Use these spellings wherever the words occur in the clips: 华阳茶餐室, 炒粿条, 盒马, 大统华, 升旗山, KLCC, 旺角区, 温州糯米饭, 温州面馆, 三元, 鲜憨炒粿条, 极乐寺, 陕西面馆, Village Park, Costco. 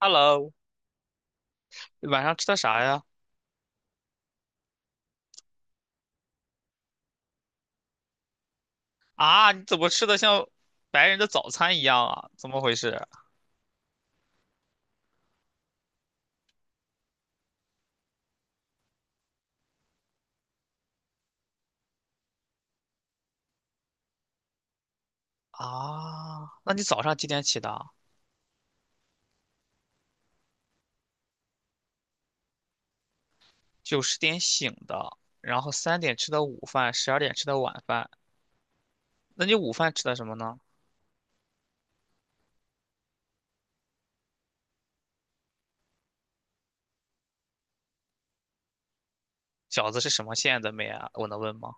Hello，晚上吃的啥呀？啊，你怎么吃的像白人的早餐一样啊？怎么回事？啊，那你早上几点起的啊？9、10点醒的，然后3点吃的午饭，12点吃的晚饭。那你午饭吃的什么呢？饺子是什么馅的妹啊？我能问吗？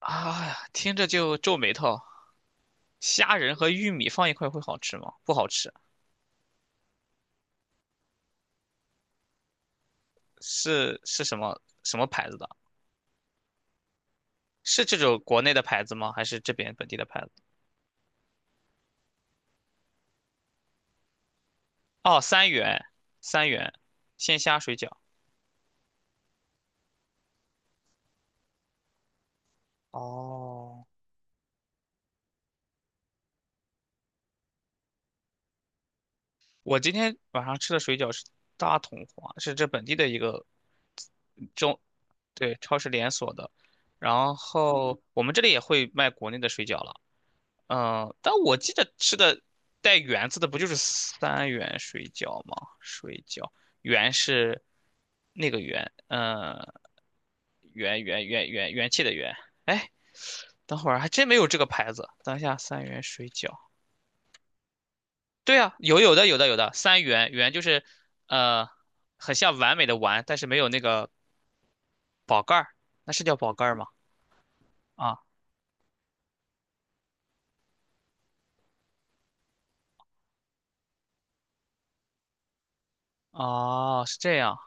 啊呀，听着就皱眉头。虾仁和玉米放一块会好吃吗？不好吃。是什么牌子的？是这种国内的牌子吗？还是这边本地的牌子？哦，三元，三元，鲜虾水饺。哦，我今天晚上吃的水饺是大统华，是这本地的一个中，对，超市连锁的。然后我们这里也会卖国内的水饺了。嗯，但我记得吃的带圆字的不就是三元水饺吗？水饺圆”是那个圆”，嗯，元气的元。哎，等会儿还真没有这个牌子。等一下，三元水饺。对啊，有的，三元就是呃，很像完美的完，但是没有那个宝盖儿，那是叫宝盖儿吗？啊，哦，是这样。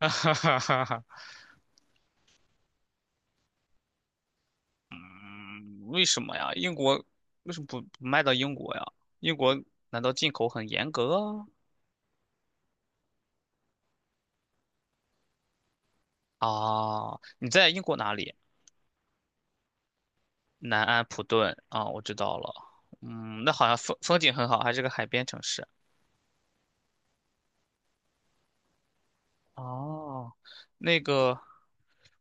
哈哈。嗯，为什么呀？英国为什么不卖到英国呀？英国难道进口很严格啊？啊，你在英国哪里？南安普顿啊，我知道了。嗯，那好像风景很好，还是个海边城市。哦，那个，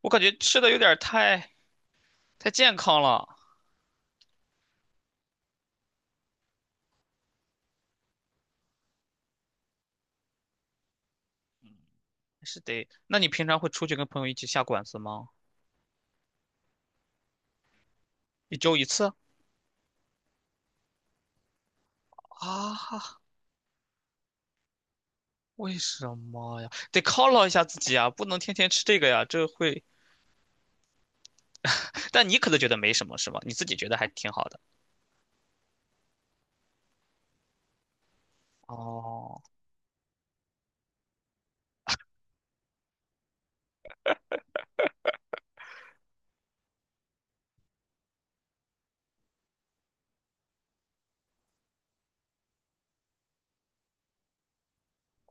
我感觉吃的有点儿太健康了，还是得。那你平常会出去跟朋友一起下馆子吗？一周一次？啊，为什么呀？得犒劳一下自己啊，不能天天吃这个呀，这会但你可能觉得没什么，是吧？你自己觉得还挺好的。哦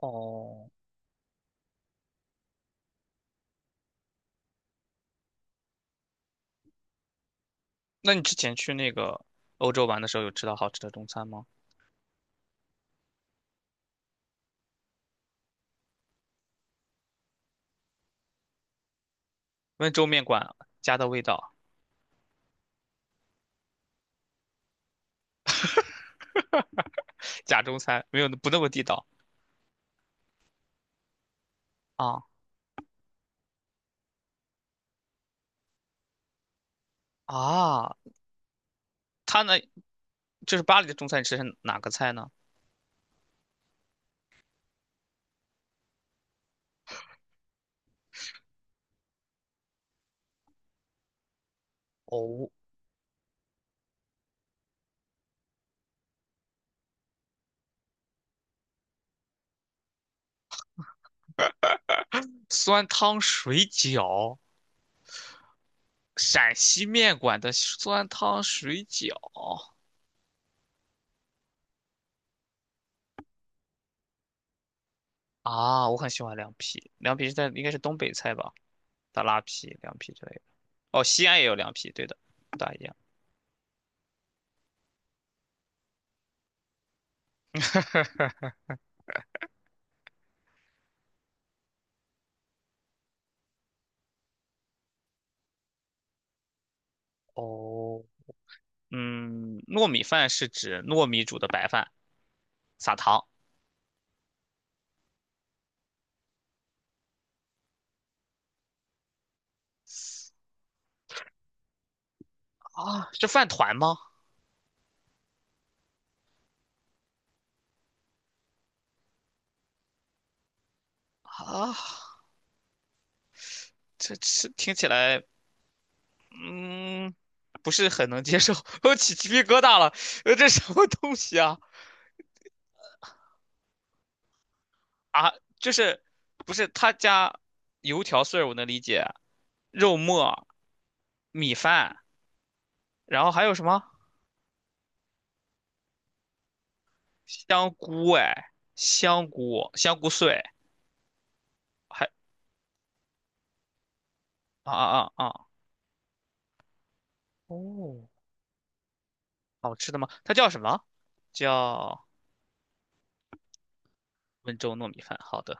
哦，那你之前去那个欧洲玩的时候，有吃到好吃的中餐吗？温州面馆家的味道，假中餐没有不那么地道啊啊。它呢，就是巴黎的中餐，你吃的是哪个菜呢？哦，酸汤水饺，陕西面馆的酸汤水饺啊，我很喜欢凉皮，凉皮是应该是东北菜吧，大拉皮、凉皮之类的。哦，西安也有凉皮，对的，不大一样。哦，嗯，糯米饭是指糯米煮的白饭，撒糖，啊是饭团吗？啊，这吃听起来，嗯，不是很能接受，我起鸡皮疙瘩了，这什么东西啊？啊，就是不是他家油条碎儿我能理解，肉末、米饭，然后还有什么香菇？哎，香菇，香菇碎，还啊啊啊！啊哦，好吃的吗？它叫什么？叫温州糯米饭。好的，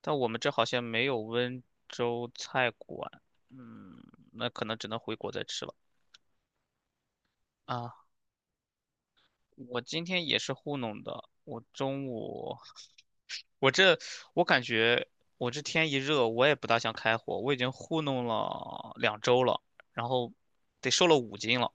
但我们这好像没有温州菜馆。嗯，那可能只能回国再吃了啊。我今天也是糊弄的，我中午，我这我感觉我这天一热，我也不大想开火，我已经糊弄了2周了，然后得瘦了5斤了。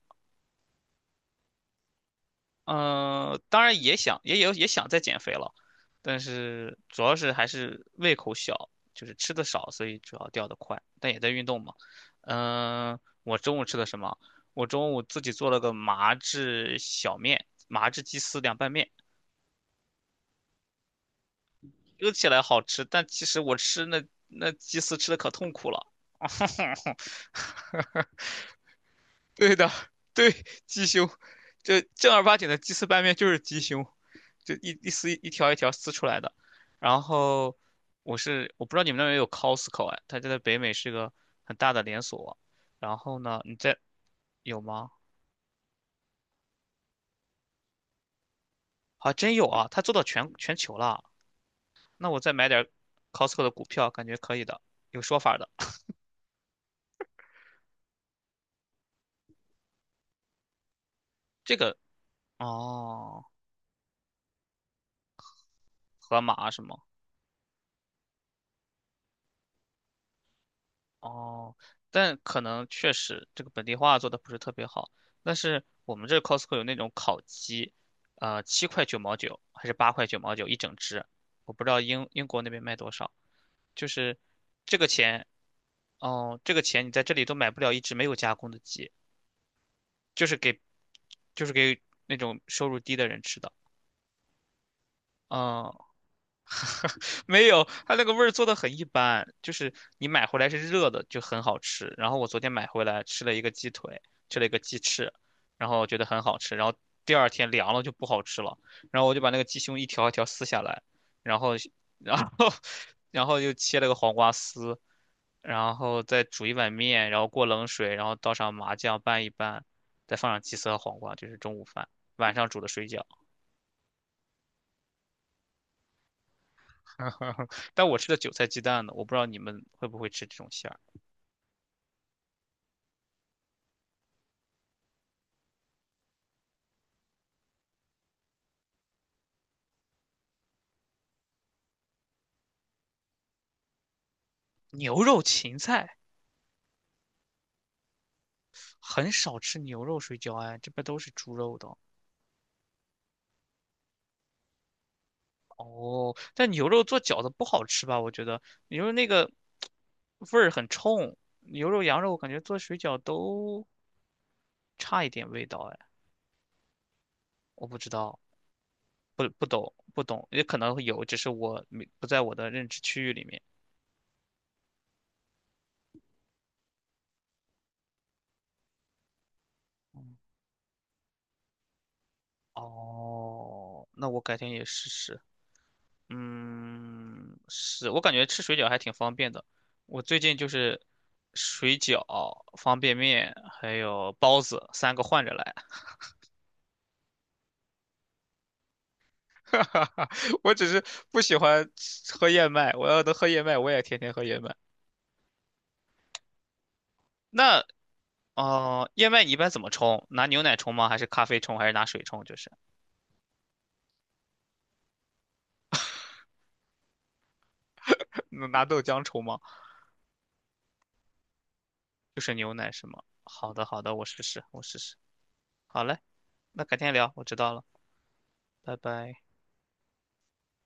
嗯，当然也想，也想再减肥了，但是主要是还是胃口小，就是吃的少，所以主要掉的快，但也在运动嘛。嗯、我中午吃的什么？我中午自己做了个麻汁小面，麻汁鸡丝凉拌面，说起来好吃，但其实我吃那鸡丝吃的可痛苦了。对的，对，鸡胸，这正儿八经的鸡丝拌面就是鸡胸，就一丝一条一条撕出来的。然后我不知道你们那边有 Costco 哎，它就在北美是个很大的连锁。然后呢，你在有吗？还真有啊，它做到全球了。那我再买点 Costco 的股票，感觉可以的，有说法的。这个哦，盒马啊什么。哦，但可能确实这个本地化做的不是特别好。但是我们这 Costco 有那种烤鸡，7.99块还是8.99块一整只，我不知道英国那边卖多少。就是这个钱，哦，这个钱你在这里都买不了一只没有加工的鸡，就是给，就是给那种收入低的人吃的。嗯、没有，它那个味儿做的很一般，就是你买回来是热的，就很好吃。然后我昨天买回来吃了一个鸡腿，吃了一个鸡翅，然后觉得很好吃。然后第二天凉了就不好吃了，然后我就把那个鸡胸一条一条撕下来，然后，然后，然后又切了个黄瓜丝，然后再煮一碗面，然后过冷水，然后倒上麻酱拌一拌，再放上鸡丝和黄瓜，这是中午饭。晚上煮的水饺，但我吃的韭菜鸡蛋呢，我不知道你们会不会吃这种馅儿。牛肉芹菜很少吃牛肉水饺，哎，这边都是猪肉的。哦，但牛肉做饺子不好吃吧？我觉得牛肉那个味儿很冲，牛肉、羊肉，我感觉做水饺都差一点味道，哎，我不知道，不懂，也可能会有，只是我没不在我的认知区域里面。哦，那我改天也试试。嗯，是我感觉吃水饺还挺方便的。我最近就是水饺、方便面还有包子三个换着来。我只是不喜欢喝燕麦，我要能喝燕麦，我也天天喝燕麦。那哦、燕麦你一般怎么冲？拿牛奶冲吗？还是咖啡冲？还是拿水冲？就是 拿豆浆冲吗？就是牛奶是吗？好的，好的，我试试，我试试。好嘞，那改天聊，我知道了，拜拜。